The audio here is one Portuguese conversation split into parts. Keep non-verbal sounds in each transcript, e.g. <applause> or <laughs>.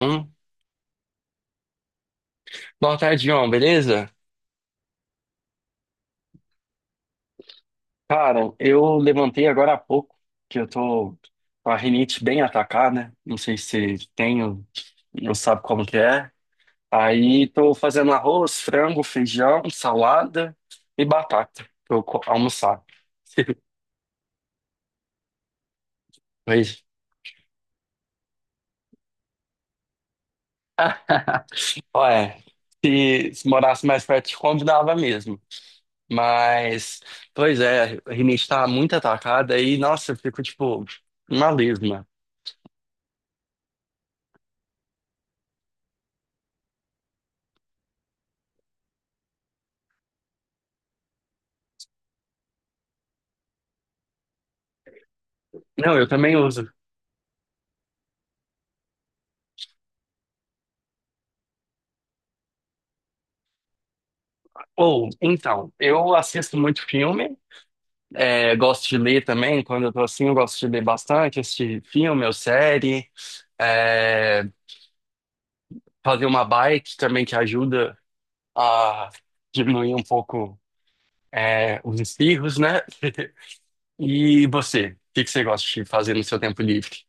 Hum. Boa tarde, João, beleza? Cara, eu levantei agora há pouco, que eu tô com a rinite bem atacada, né? Não sei se tenho, não sabe como que é. Aí tô fazendo arroz, frango, feijão, salada e batata pra almoçar. <laughs> Mas, <laughs> olha, se morasse mais perto, te convidava mesmo. Mas, pois é, a rinite tá muito atacada e, nossa, eu fico, tipo, uma lesma. Não, eu também uso. Ou, então, eu assisto muito filme, gosto de ler também, quando eu tô assim, eu gosto de ler bastante, assistir filme ou série, é, fazer uma bike também que ajuda a diminuir um pouco, os espirros, né? <laughs> E você, o que que você gosta de fazer no seu tempo livre?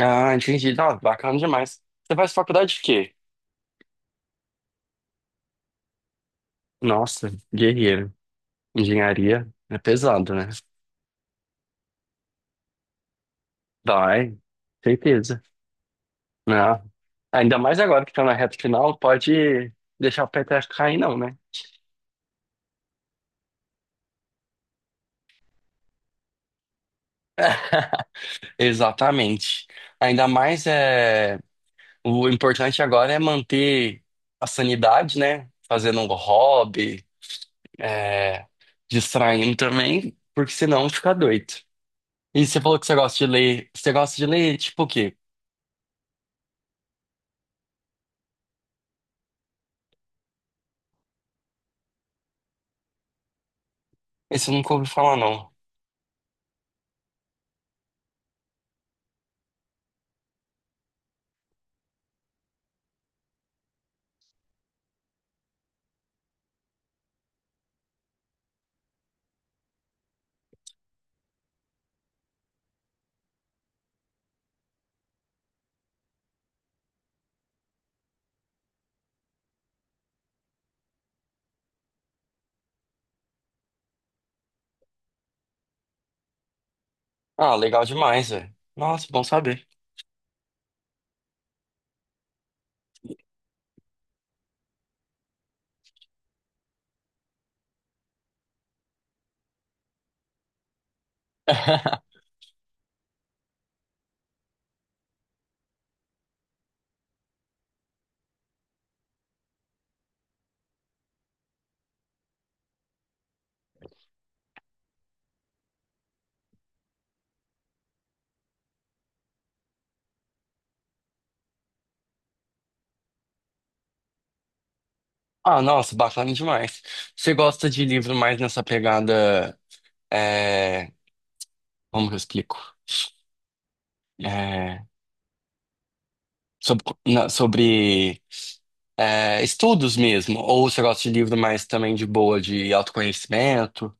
Ah, entendi. Não, bacana demais. Você faz faculdade de quê? Nossa, guerreiro. Engenharia é pesado, né? Vai, certeza. Né? Ainda mais agora que tá na reta final, pode deixar o peteco cair, não, né? <laughs> Exatamente. Ainda mais, o importante agora é manter a sanidade, né? Fazendo um hobby, é, distraindo também, porque senão fica doido. E você falou que você gosta de ler. Você gosta de ler tipo o quê? Esse eu nunca ouvi falar, não. Ah, legal demais, velho. Nossa, bom saber. <laughs> Ah, nossa, bacana demais. Você gosta de livro mais nessa pegada? é, Como que eu explico? É, sobre, estudos mesmo, ou você gosta de livro mais também de boa, de autoconhecimento?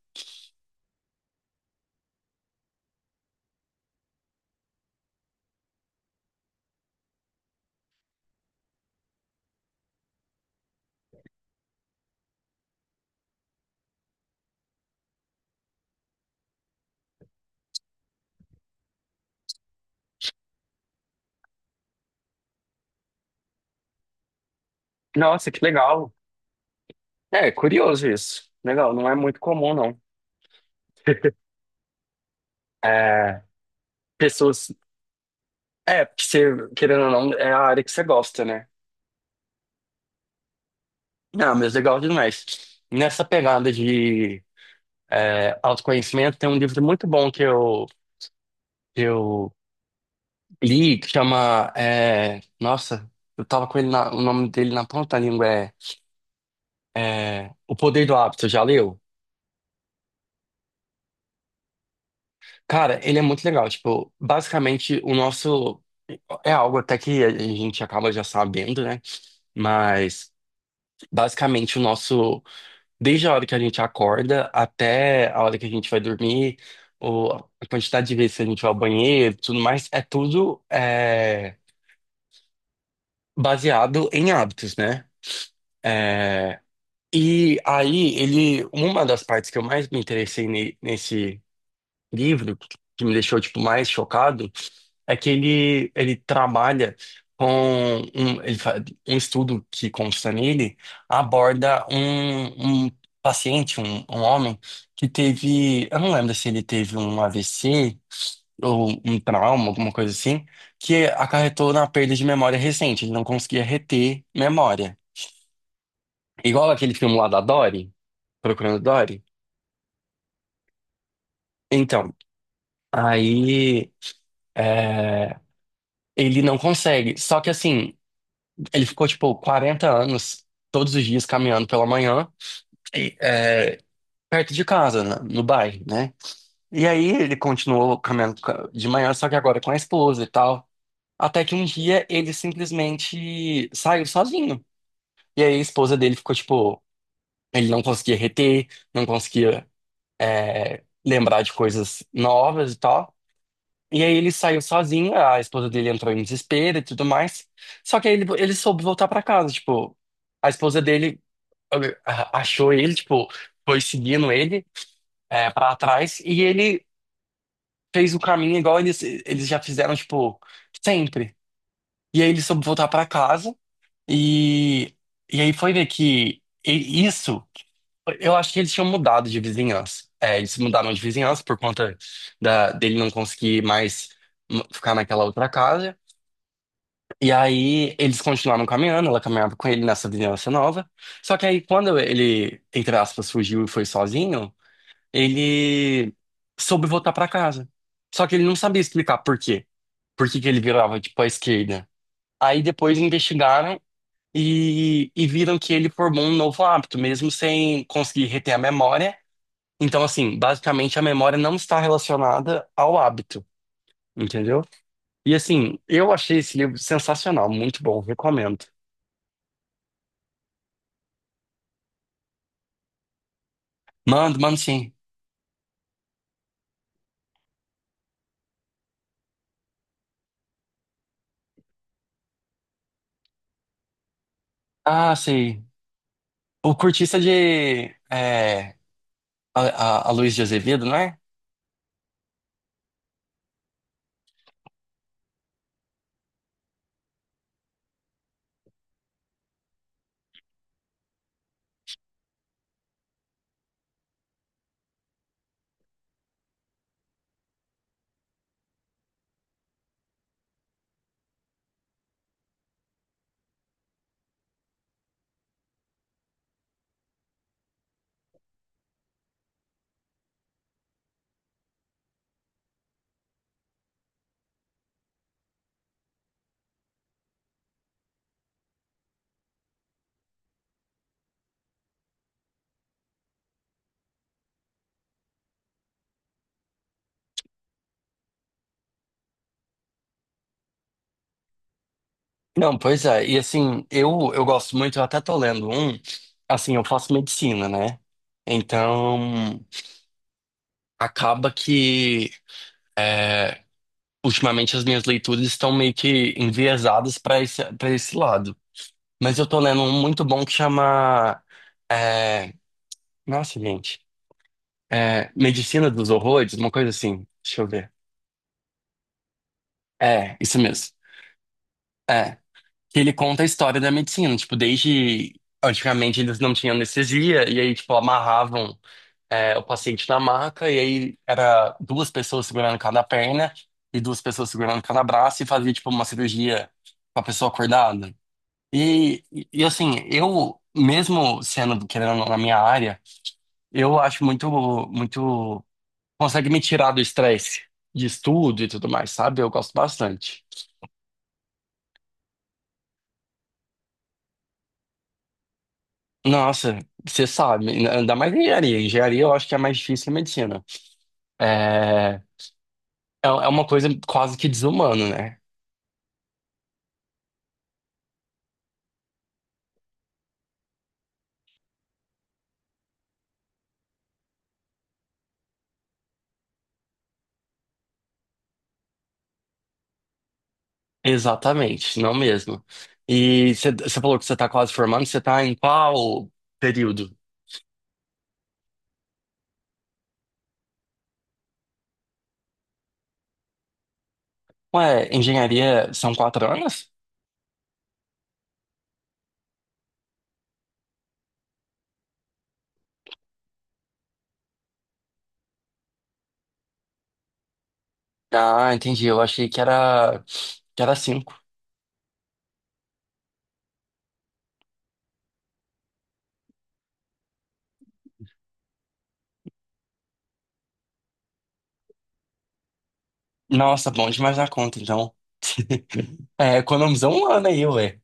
Nossa, que legal. É, curioso isso. Legal, não é muito comum, não. <laughs> É, pessoas. É, porque você, querendo ou não, é a área que você gosta, né? Não, mas legal demais. Nessa pegada de autoconhecimento, tem um livro muito bom que eu li, que chama. Nossa, eu tava com ele o nome dele na ponta da língua. O Poder do Hábito, já leu? Cara, ele é muito legal. Tipo, basicamente, o nosso. É algo até que a gente acaba já sabendo, né? Mas, basicamente, o nosso. Desde a hora que a gente acorda até a hora que a gente vai dormir, ou a quantidade de vezes que a gente vai ao banheiro, tudo mais, é tudo baseado em hábitos, né? É, e aí, ele, uma das partes que eu mais me interessei nesse livro, que me deixou tipo mais chocado, é que ele trabalha com um, um estudo que consta nele aborda um paciente, um homem que teve, eu não lembro se ele teve um AVC ou um trauma, alguma coisa assim, que acarretou na perda de memória recente, ele não conseguia reter memória. Igual aquele filme lá da Dory. Procurando Dory? Então, aí é, ele não consegue. Só que assim, ele ficou tipo 40 anos, todos os dias caminhando pela manhã, e, perto de casa, né, no bairro, né? E aí ele continuou de manhã, só que agora com a esposa e tal. Até que um dia ele simplesmente saiu sozinho. E aí a esposa dele ficou tipo, ele não conseguia reter, não conseguia lembrar de coisas novas e tal. E aí ele saiu sozinho, a esposa dele entrou em desespero e tudo mais. Só que aí ele soube voltar pra casa, tipo, a esposa dele olha, achou ele, tipo, foi seguindo ele para trás e ele fez o caminho igual eles já fizeram, tipo, sempre. E aí ele soube voltar pra casa e, e aí foi ver isso, eu acho que eles tinham mudado de vizinhança. É, eles mudaram de vizinhança por conta da, dele não conseguir mais ficar naquela outra casa. E aí eles continuaram caminhando, ela caminhava com ele nessa vizinhança nova. Só que aí quando ele, entre aspas, fugiu e foi sozinho, ele soube voltar pra casa. Só que ele não sabia explicar por quê. Por que que ele virava, tipo, à esquerda. Aí depois investigaram e viram que ele formou um novo hábito, mesmo sem conseguir reter a memória. Então, assim, basicamente a memória não está relacionada ao hábito, entendeu? E assim, eu achei esse livro sensacional, muito bom, recomendo. Mando, mando sim. Ah, sei. O cortiça de é, a, a Luiz de Azevedo, não é? Não, pois é. E assim, eu gosto muito, eu até tô lendo um, assim, eu faço medicina, né? Então, acaba que é, ultimamente as minhas leituras estão meio que enviesadas para esse lado. Mas eu tô lendo um muito bom que chama. é, Nossa, gente. Medicina dos Horrores, uma coisa assim. Deixa eu ver. É, isso mesmo. É, que ele conta a história da medicina, tipo, desde antigamente eles não tinham anestesia, e aí, tipo, amarravam o paciente na maca, e aí era duas pessoas segurando cada perna e duas pessoas segurando cada braço, e fazia, tipo, uma cirurgia com a pessoa acordada. E assim, eu, mesmo sendo, querendo, ou não, na minha área, eu acho muito, muito, consegue me tirar do estresse de estudo e tudo mais, sabe? Eu gosto bastante. Nossa, você sabe, ainda mais engenharia. Engenharia eu acho que é mais difícil que medicina. É, é, é uma coisa quase que desumana, né? Exatamente, não mesmo. E você falou que você está quase formando, você está em qual período? Ué, engenharia são quatro anos? Ah, entendi, eu achei que era cinco. Nossa, bom demais na conta, então. <laughs> É, economizou um ano aí, ué.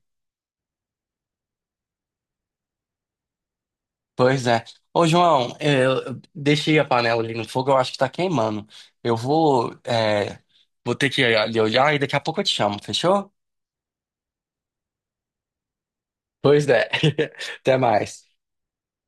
Pois é. Ô, João, eu deixei a panela ali no fogo, eu acho que tá queimando. Eu vou, vou ter que ir ali olhar e daqui a pouco eu te chamo, fechou? Pois é. <laughs> Até mais.